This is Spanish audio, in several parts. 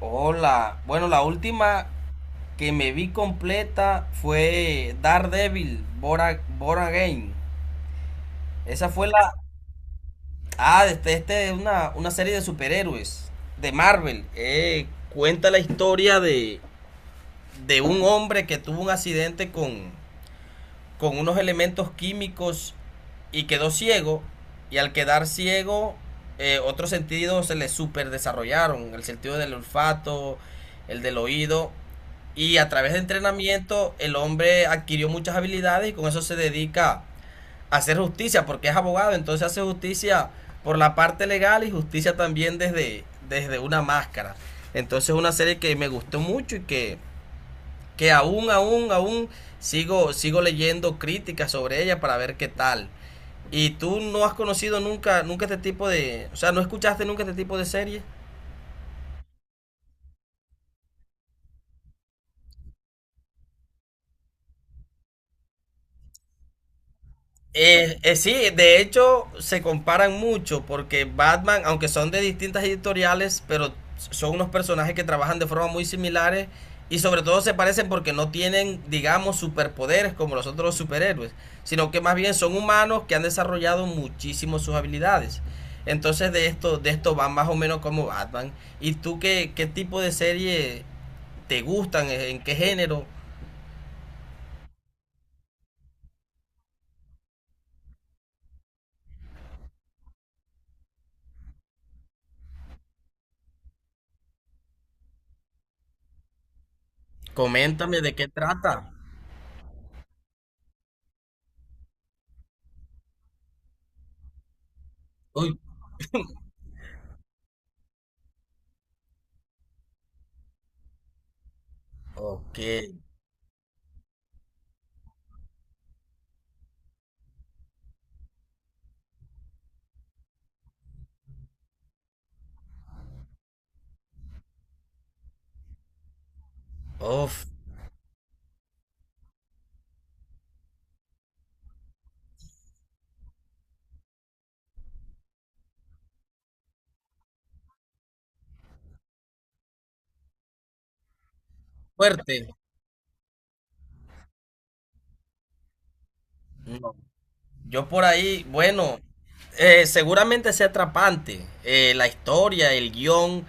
Hola, bueno, la última que me vi completa fue Daredevil, Bora, Bora Game. Esa fue la... Este es una serie de superhéroes de Marvel. Cuenta la historia de un hombre que tuvo un accidente con unos elementos químicos y quedó ciego. Y al quedar ciego, otros sentidos se le super desarrollaron. El sentido del olfato, el del oído. Y a través de entrenamiento, el hombre adquirió muchas habilidades y con eso se dedica a hacer justicia, porque es abogado, entonces hace justicia por la parte legal y justicia también desde una máscara. Entonces es una serie que me gustó mucho y que aún sigo leyendo críticas sobre ella para ver qué tal. ¿Y tú no has conocido nunca este tipo de, o sea, no escuchaste nunca este tipo de series? Sí, de hecho se comparan mucho porque Batman, aunque son de distintas editoriales, pero son unos personajes que trabajan de forma muy similares y sobre todo se parecen porque no tienen, digamos, superpoderes como los otros superhéroes, sino que más bien son humanos que han desarrollado muchísimo sus habilidades. Entonces de esto van más o menos como Batman. ¿Y tú qué tipo de serie te gustan? ¿En qué género? Coméntame de qué trata. Uy, ok. Uf, fuerte. No. Yo por ahí, bueno, seguramente sea atrapante la historia, el guión,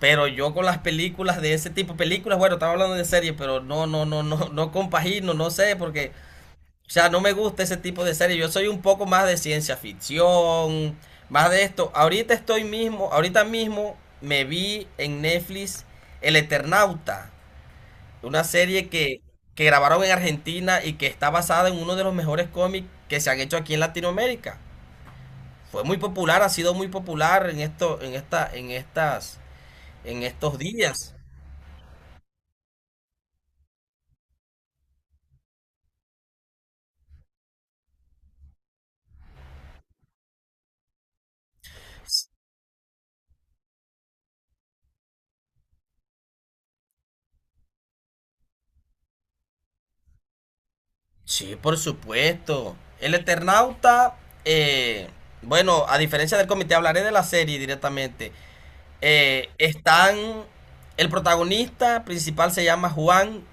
pero yo con las películas de ese tipo, películas, bueno, estaba hablando de series, pero no compagino, no sé, porque, o sea, no me gusta ese tipo de series. Yo soy un poco más de ciencia ficción, más de esto. Ahorita estoy mismo, ahorita mismo me vi en Netflix El Eternauta. Una serie que grabaron en Argentina y que está basada en uno de los mejores cómics que se han hecho aquí en Latinoamérica. Fue muy popular, ha sido muy popular en esto, en esta, en estas, en estos días. Sí, por supuesto. El Eternauta, eh, bueno, a diferencia del comité, hablaré de la serie directamente. Están. El protagonista principal se llama Juan.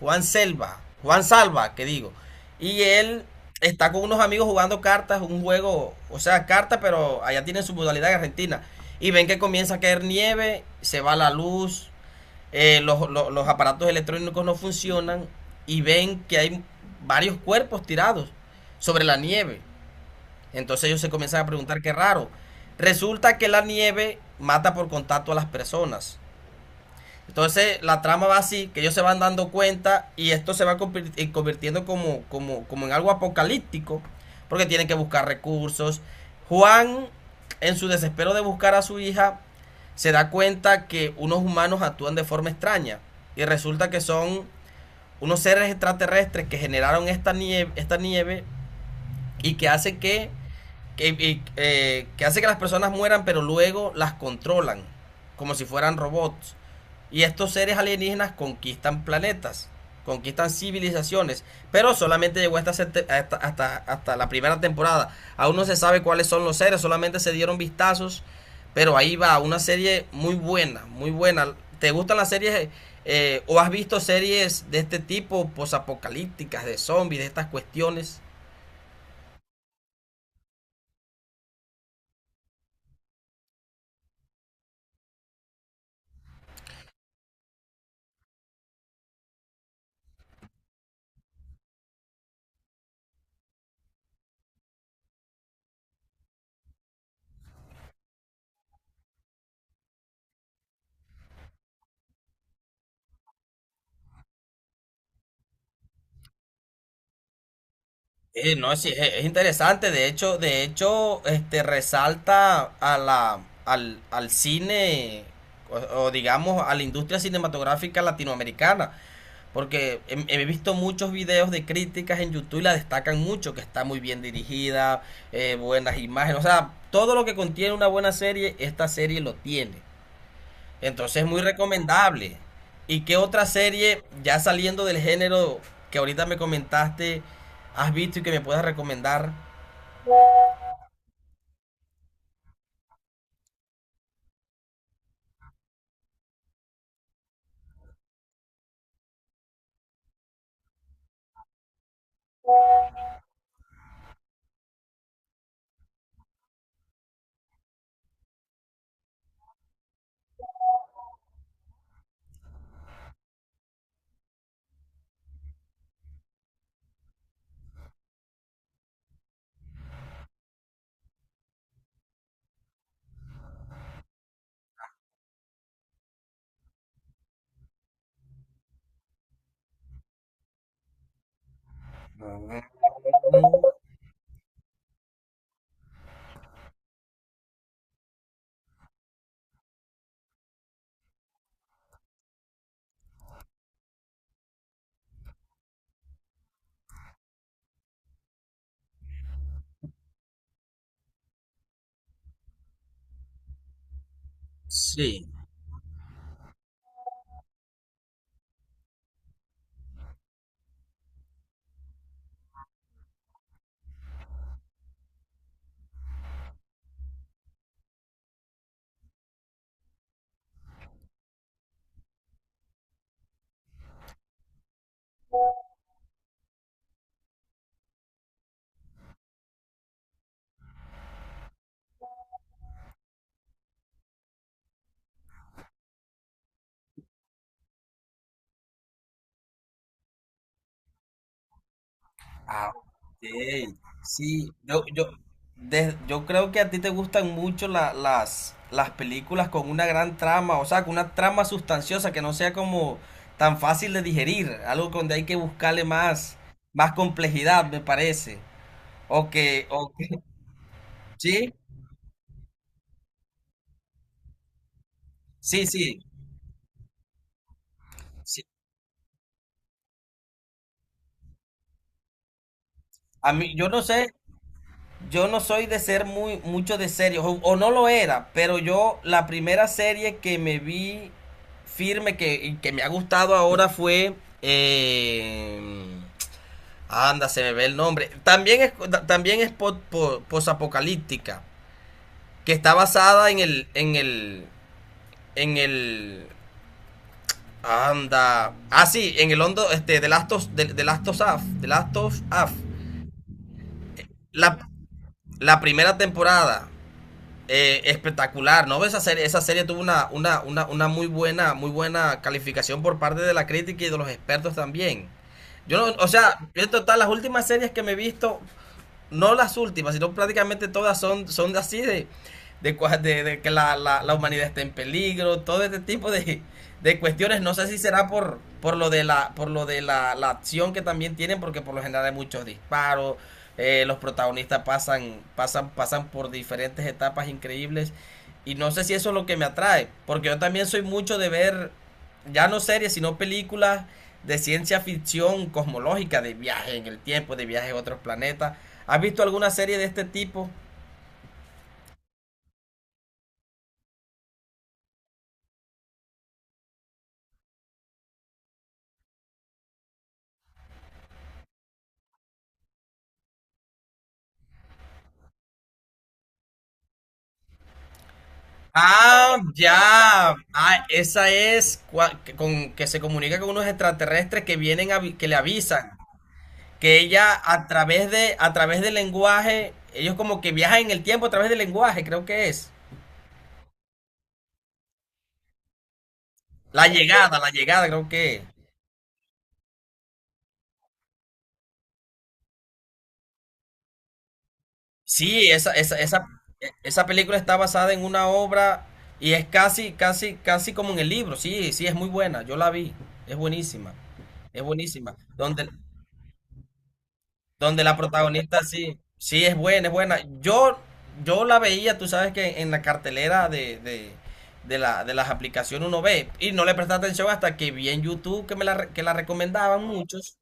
Juan Selva. Juan Salva, que digo. Y él está con unos amigos jugando cartas, un juego, o sea, cartas, pero allá tienen su modalidad en Argentina. Y ven que comienza a caer nieve, se va la luz, los aparatos electrónicos no funcionan y ven que hay varios cuerpos tirados sobre la nieve. Entonces ellos se comienzan a preguntar qué raro. Resulta que la nieve mata por contacto a las personas. Entonces la trama va así, que ellos se van dando cuenta y esto se va convirtiendo como en algo apocalíptico, porque tienen que buscar recursos. Juan, en su desespero de buscar a su hija, se da cuenta que unos humanos actúan de forma extraña y resulta que son unos seres extraterrestres que generaron esta nieve y que hace que, que hace que las personas mueran, pero luego las controlan, como si fueran robots. Y estos seres alienígenas conquistan planetas, conquistan civilizaciones, pero solamente llegó hasta la primera temporada. Aún no se sabe cuáles son los seres, solamente se dieron vistazos, pero ahí va, una serie muy buena, muy buena. ¿Te gustan las series o has visto series de este tipo, posapocalípticas, de zombies, de estas cuestiones? No, sí, es interesante. De hecho, este resalta a al cine digamos a la industria cinematográfica latinoamericana. Porque he visto muchos videos de críticas en YouTube y la destacan mucho, que está muy bien dirigida, buenas imágenes. O sea, todo lo que contiene una buena serie, esta serie lo tiene. Entonces es muy recomendable. ¿Y qué otra serie, ya saliendo del género que ahorita me comentaste, has visto y que me puedas recomendar? Sí, ah, ok. Sí, yo creo que a ti te gustan mucho las películas con una gran trama, o sea, con una trama sustanciosa que no sea como tan fácil de digerir, algo donde hay que buscarle más, más complejidad, me parece. O que, o que, ¿sí? sí, sí, sí, A mí, yo no sé, yo no soy de ser muy, mucho de series, o no lo era, pero yo la primera serie que me vi firme que, y que me ha gustado ahora fue... eh, anda, se me ve el nombre. También es posapocalíptica, que está basada en el... En el... En el... Anda. Ah, sí, en el hondo, este, de de Last of Us, de Last of Us. La, la primera temporada. Espectacular, ¿no? Esa serie tuvo una muy buena calificación por parte de la crítica y de los expertos también. Yo no, o sea, yo en total, las últimas series que me he visto, no las últimas, sino prácticamente todas son, son así de que la humanidad está en peligro, todo este tipo de cuestiones. No sé si será por lo de la, la acción que también tienen, porque por lo general hay muchos disparos, los protagonistas pasan por diferentes etapas increíbles. Y no sé si eso es lo que me atrae, porque yo también soy mucho de ver ya no series, sino películas de ciencia ficción cosmológica, de viaje en el tiempo, de viaje a otros planetas. ¿Has visto alguna serie de este tipo? Ah, ya. Ah, esa es con que se comunica con unos extraterrestres que vienen a, que le avisan que ella a través de a través del lenguaje, ellos como que viajan en el tiempo a través del lenguaje, creo que es. La llegada, creo que es. Sí, esa película está basada en una obra y es casi como en el libro. Sí, sí, es muy buena. Yo la vi. Es buenísima. Es buenísima. Donde, donde la protagonista sí, sí es buena, es buena. Yo la veía, tú sabes que en la cartelera de las aplicaciones uno ve y no le presta atención hasta que vi en YouTube que me que la recomendaban muchos.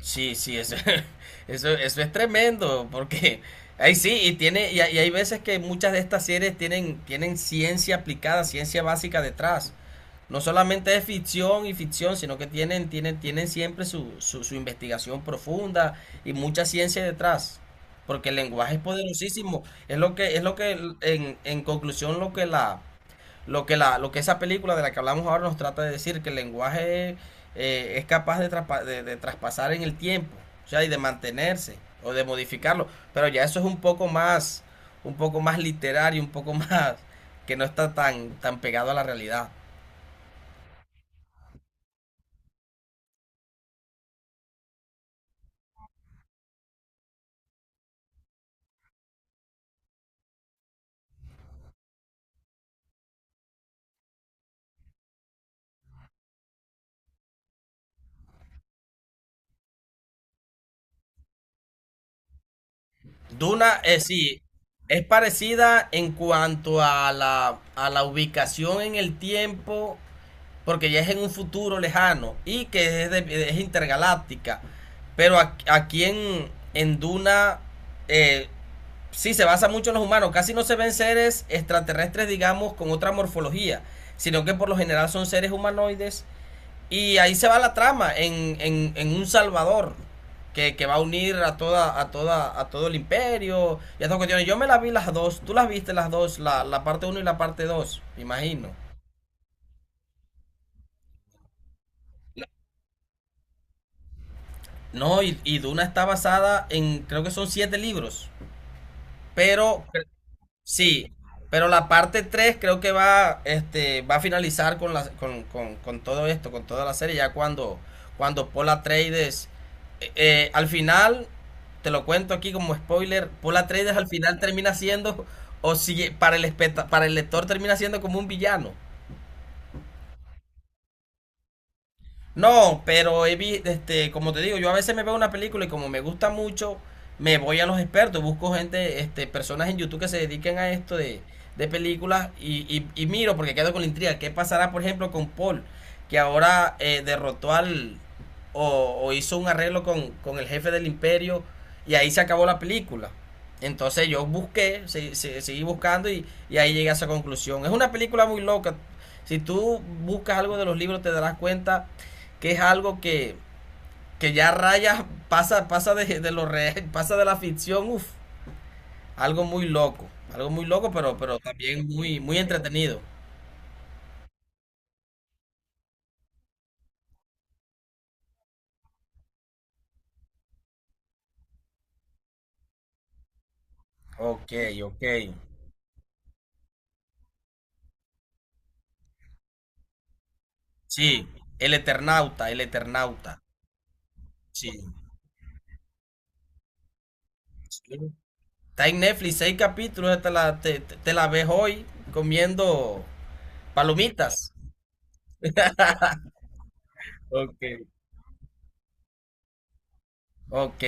Sí, sí, eso, eso es tremendo, porque ahí sí, y hay veces que muchas de estas series tienen, tienen ciencia aplicada, ciencia básica detrás. No solamente es ficción y ficción, sino que tienen siempre su investigación profunda y mucha ciencia detrás. Porque el lenguaje es poderosísimo. En conclusión, lo que esa película de la que hablamos ahora nos trata de decir, que el lenguaje es capaz de, de traspasar en el tiempo, o sea, y de mantenerse o de modificarlo, pero ya eso es un poco más literario, un poco más que no está tan, tan pegado a la realidad. Duna, sí, es parecida en cuanto a a la ubicación en el tiempo porque ya es en un futuro lejano y que es, es intergaláctica. Pero aquí en Duna eh, sí se basa mucho en los humanos, casi no se ven seres extraterrestres, digamos, con otra morfología, sino que por lo general son seres humanoides. Y ahí se va la trama en un Salvador. Que va a unir a toda a toda a todo el imperio y a todas cuestiones. Yo me las vi las dos, tú las viste las dos, la parte uno y la parte 2, imagino. No, y Duna está basada en, creo que son 7 libros, pero sí, pero la parte 3 creo que va, este, va a finalizar con, con todo esto, con toda la serie, ya cuando, cuando Paul Atreides, al final, te lo cuento aquí como spoiler, Paul Atreides al final termina siendo, o si para el, para el lector termina siendo como un villano. No, pero este, como te digo, yo a veces me veo una película y como me gusta mucho, me voy a los expertos, busco gente, este, personas en YouTube que se dediquen a esto de películas y, y miro porque quedo con la intriga. ¿Qué pasará, por ejemplo, con Paul, que ahora derrotó al o hizo un arreglo con el jefe del imperio y ahí se acabó la película? Entonces yo busqué, seguí buscando y ahí llegué a esa conclusión. Es una película muy loca. Si tú buscas algo de los libros te darás cuenta que es algo que ya raya, pasa, pasa de lo re pasa de la ficción, uf algo muy loco, algo muy loco, pero también muy, muy entretenido. Ok, ok. Sí, El Eternauta, El Eternauta. Sí. sí. Está en Netflix, 6 capítulos, te la ves hoy comiendo palomitas. Ok. Ok.